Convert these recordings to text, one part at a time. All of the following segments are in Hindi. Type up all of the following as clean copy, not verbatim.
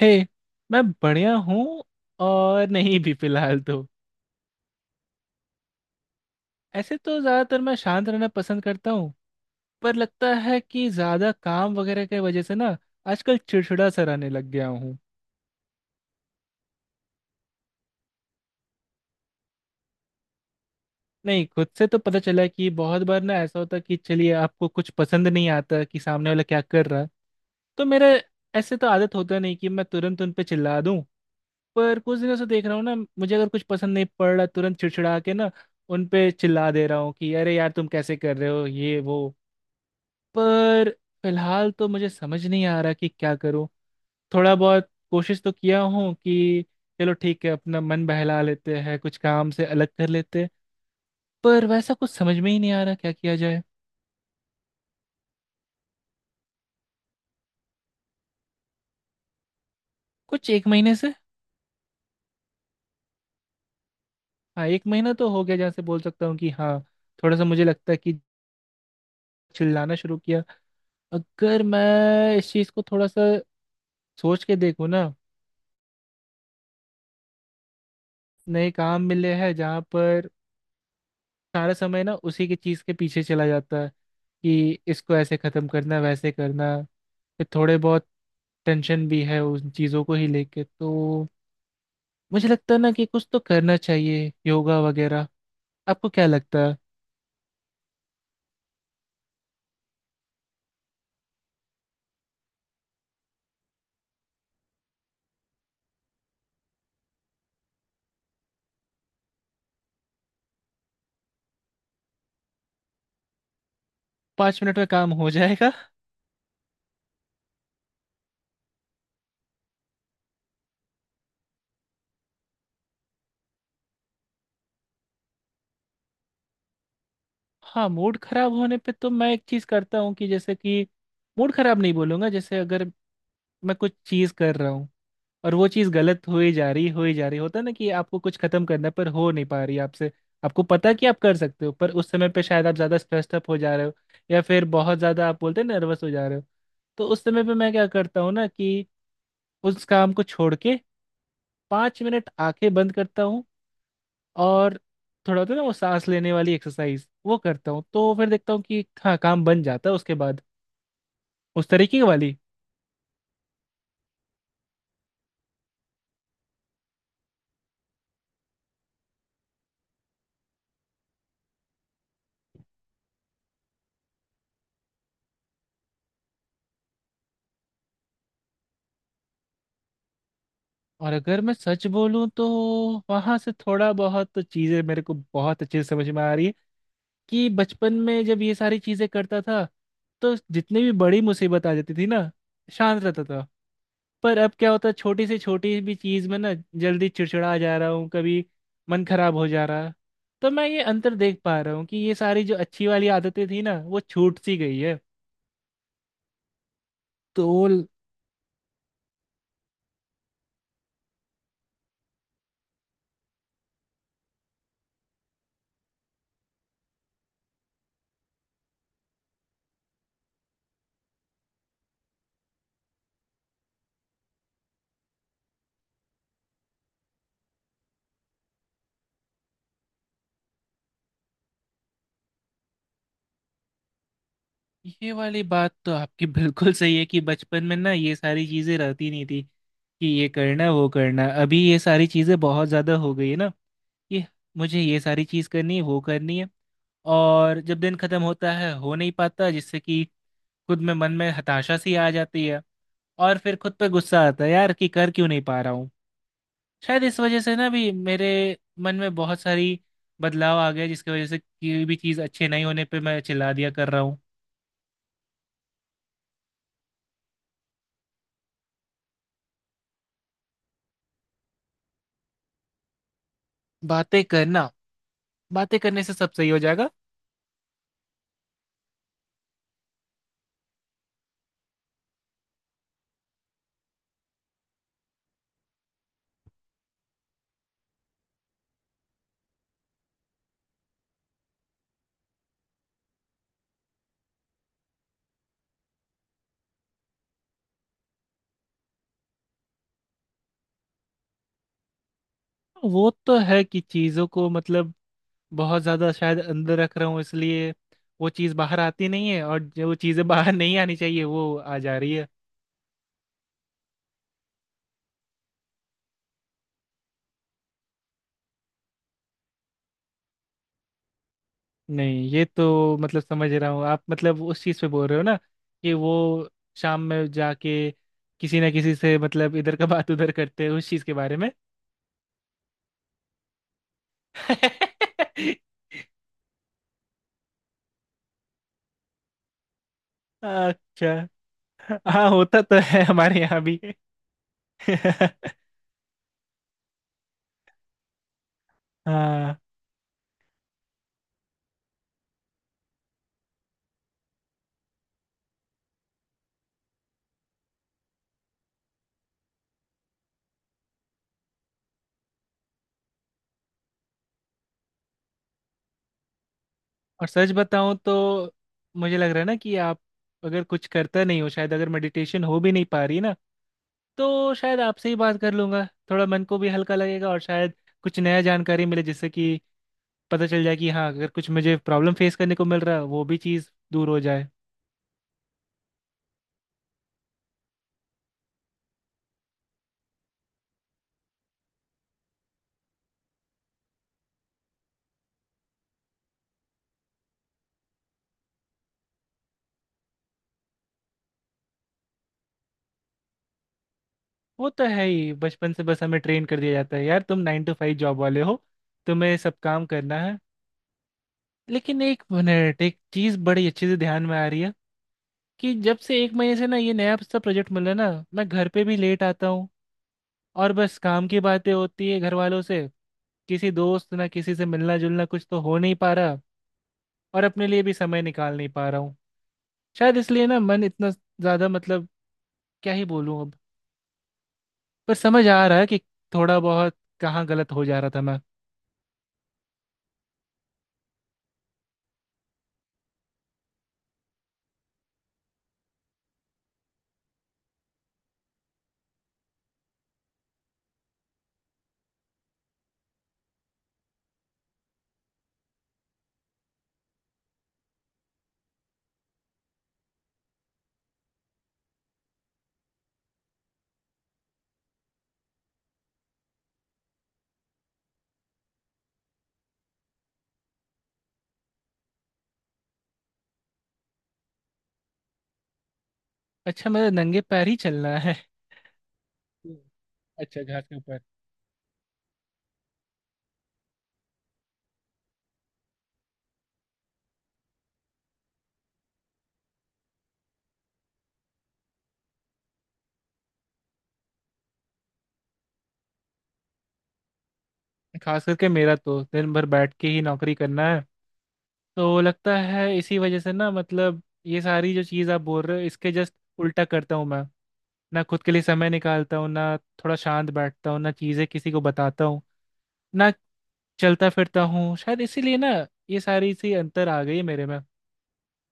हे, मैं बढ़िया हूँ। और नहीं भी फिलहाल तो। ऐसे तो ज़्यादातर मैं शांत रहना पसंद करता हूँ, पर लगता है कि ज़्यादा काम वगैरह की वजह से ना आजकल चिड़चिड़ा सा रहने लग गया हूँ। नहीं, खुद से तो पता चला कि बहुत बार ना ऐसा होता कि चलिए आपको कुछ पसंद नहीं आता कि सामने वाला क्या कर रहा है। तो मेरे ऐसे तो आदत होता नहीं कि मैं तुरंत उन पे चिल्ला दूं। पर कुछ दिनों से देख रहा हूँ ना, मुझे अगर कुछ पसंद नहीं पड़ रहा तुरंत चिड़चिड़ा के ना उन पे चिल्ला दे रहा हूँ कि अरे यार तुम कैसे कर रहे हो ये वो। पर फिलहाल तो मुझे समझ नहीं आ रहा कि क्या करूँ। थोड़ा बहुत कोशिश तो किया हूँ कि चलो ठीक है, अपना मन बहला लेते हैं, कुछ काम से अलग कर लेते हैं। पर वैसा कुछ समझ में ही नहीं आ रहा क्या किया जाए। कुछ एक महीने से। हाँ, एक महीना तो हो गया जहाँ से बोल सकता हूँ कि हाँ थोड़ा सा मुझे लगता है कि चिल्लाना शुरू किया। अगर मैं इस चीज़ को थोड़ा सा सोच के देखो ना, नए काम मिले हैं जहाँ पर सारा समय ना उसी की चीज के पीछे चला जाता है कि इसको ऐसे खत्म करना वैसे करना। फिर थोड़े बहुत टेंशन भी है उन चीजों को ही लेके। तो मुझे लगता है ना कि कुछ तो करना चाहिए, योगा वगैरह। आपको क्या लगता है। 5 मिनट में काम हो जाएगा। हाँ, मूड खराब होने पे तो मैं एक चीज करता हूँ कि जैसे कि मूड खराब नहीं बोलूंगा, जैसे अगर मैं कुछ चीज कर रहा हूँ और वो चीज़ गलत हो ही जा रही हो ही जा रही होता है ना कि आपको कुछ खत्म करना है, पर हो नहीं पा रही आपसे। आपको पता है कि आप कर सकते हो, पर उस समय पे शायद आप ज़्यादा स्ट्रेस्ड अप हो जा रहे हो, या फिर बहुत ज़्यादा आप बोलते हैं नर्वस हो जा रहे हो। तो उस समय पे मैं क्या करता हूँ ना कि उस काम को छोड़ के 5 मिनट आंखें बंद करता हूँ और थोड़ा होता है ना वो सांस लेने वाली एक्सरसाइज, वो करता हूँ तो फिर देखता हूँ कि हाँ काम बन जाता है उसके बाद, उस तरीके वाली। और अगर मैं सच बोलूं तो वहां से थोड़ा बहुत चीजें मेरे को बहुत अच्छे से समझ में आ रही है कि बचपन में जब ये सारी चीजें करता था तो जितनी भी बड़ी मुसीबत आ जाती थी ना, शांत रहता था। पर अब क्या होता है, छोटी से छोटी भी चीज में ना जल्दी चिड़चिड़ा जा रहा हूँ, कभी मन खराब हो जा रहा है। तो मैं ये अंतर देख पा रहा हूँ कि ये सारी जो अच्छी वाली आदतें थी ना वो छूट सी गई है। तो ये वाली बात तो आपकी बिल्कुल सही है कि बचपन में ना ये सारी चीजें रहती नहीं थी कि ये करना वो करना। अभी ये सारी चीजें बहुत ज्यादा हो गई है ना कि मुझे ये सारी चीज करनी है वो करनी है। और जब दिन खत्म होता है हो नहीं पाता, जिससे कि खुद में मन में हताशा सी आ जाती है और फिर खुद पे गुस्सा आता है यार कि कर क्यों नहीं पा रहा हूँ। शायद इस वजह से ना भी मेरे मन में बहुत सारी बदलाव आ गया, जिसकी वजह से कोई भी चीज अच्छे नहीं होने पे मैं चिल्ला दिया कर रहा हूँ। बातें करना? बातें करने से सब सही हो जाएगा। वो तो है कि चीज़ों को बहुत ज़्यादा शायद अंदर रख रहा हूँ, इसलिए वो चीज़ बाहर आती नहीं है और जो चीज़ें बाहर नहीं आनी चाहिए वो आ जा रही है। नहीं, ये तो मतलब समझ रहा हूँ, आप मतलब उस चीज़ पे बोल रहे हो ना कि वो शाम में जाके किसी ना किसी से मतलब इधर का बात उधर करते हैं उस चीज़ के बारे में। अच्छा। हाँ होता तो है हमारे यहाँ भी। हाँ। और सच बताऊं तो मुझे लग रहा है ना कि आप, अगर कुछ करता नहीं हो शायद, अगर मेडिटेशन हो भी नहीं पा रही ना, तो शायद आपसे ही बात कर लूंगा। थोड़ा मन को भी हल्का लगेगा और शायद कुछ नया जानकारी मिले जिससे कि पता चल जाए कि हाँ, अगर कुछ मुझे प्रॉब्लम फेस करने को मिल रहा है वो भी चीज़ दूर हो जाए। वो तो है ही, बचपन से बस हमें ट्रेन कर दिया जाता है यार, तुम 9 to 5 जॉब वाले हो, तुम्हें सब काम करना है। लेकिन एक मिनट, एक चीज़ बड़ी अच्छे से ध्यान में आ रही है कि जब से एक महीने से ना ये नया सा प्रोजेक्ट मिला ना, मैं घर पे भी लेट आता हूँ और बस काम की बातें होती है घर वालों से। किसी दोस्त ना किसी से मिलना जुलना कुछ तो हो नहीं पा रहा और अपने लिए भी समय निकाल नहीं पा रहा हूँ। शायद इसलिए ना मन इतना ज्यादा क्या ही बोलूँ अब। पर समझ आ रहा है कि थोड़ा बहुत कहाँ गलत हो जा रहा था मैं। अच्छा, मुझे नंगे पैर ही चलना है। हम्म। अच्छा, घास के ऊपर। खास करके मेरा तो दिन भर बैठ के ही नौकरी करना है। तो लगता है इसी वजह से ना ये सारी जो चीज़ आप बोल रहे हो इसके जस्ट उल्टा करता हूँ मैं। ना खुद के लिए समय निकालता हूँ, ना थोड़ा शांत बैठता हूँ, ना चीज़ें किसी को बताता हूँ, ना चलता फिरता हूँ। शायद इसीलिए ना ये सारी सी अंतर आ गई है मेरे में।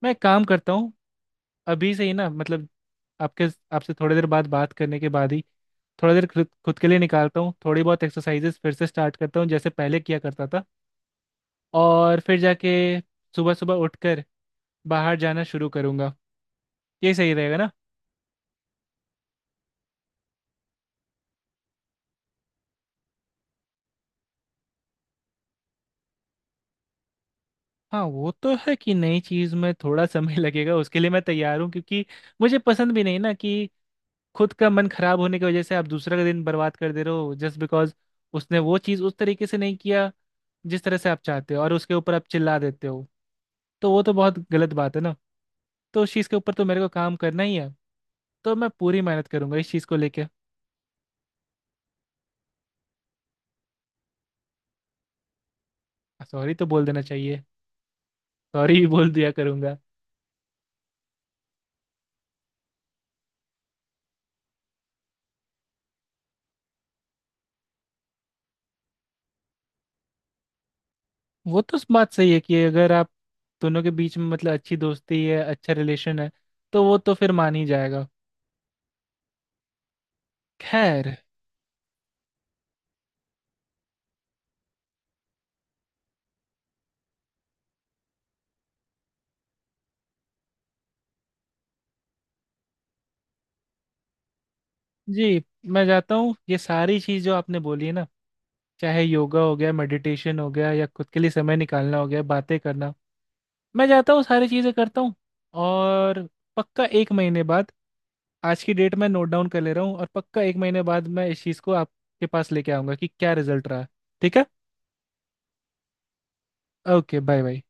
मैं एक काम करता हूँ, अभी से ही ना आपके आपसे थोड़ी देर बाद बात करने के बाद ही थोड़ा देर खुद खुद के लिए निकालता हूँ, थोड़ी बहुत एक्सरसाइजेस फिर से स्टार्ट करता हूँ जैसे पहले किया करता था। और फिर जाके सुबह सुबह उठकर बाहर जाना शुरू करूंगा। ये सही रहेगा ना? हाँ वो तो है कि नई चीज में थोड़ा समय लगेगा, उसके लिए मैं तैयार हूँ, क्योंकि मुझे पसंद भी नहीं ना कि खुद का मन खराब होने की वजह से आप दूसरा का दिन बर्बाद कर दे रहे हो, जस्ट बिकॉज उसने वो चीज उस तरीके से नहीं किया जिस तरह से आप चाहते हो, और उसके ऊपर आप चिल्ला देते हो। तो वो तो बहुत गलत बात है ना। तो उस चीज के ऊपर तो मेरे को काम करना ही है। तो मैं पूरी मेहनत करूंगा इस चीज को लेके। सॉरी तो बोल देना चाहिए, सॉरी भी बोल दिया करूंगा। वो तो बात सही है कि अगर आप दोनों के बीच में मतलब अच्छी दोस्ती है, अच्छा रिलेशन है, तो वो तो फिर मान ही जाएगा। खैर, जी। मैं जाता हूँ, ये सारी चीज़ जो आपने बोली है ना, चाहे योगा हो गया, मेडिटेशन हो गया, या खुद के लिए समय निकालना हो गया, बातें करना, मैं जाता हूँ सारी चीज़ें करता हूँ। और पक्का एक महीने बाद आज की डेट में नोट डाउन कर ले रहा हूँ, और पक्का एक महीने बाद मैं इस चीज़ को आपके पास लेके आऊँगा कि क्या रिजल्ट रहा। ठीक है। Okay, bye bye.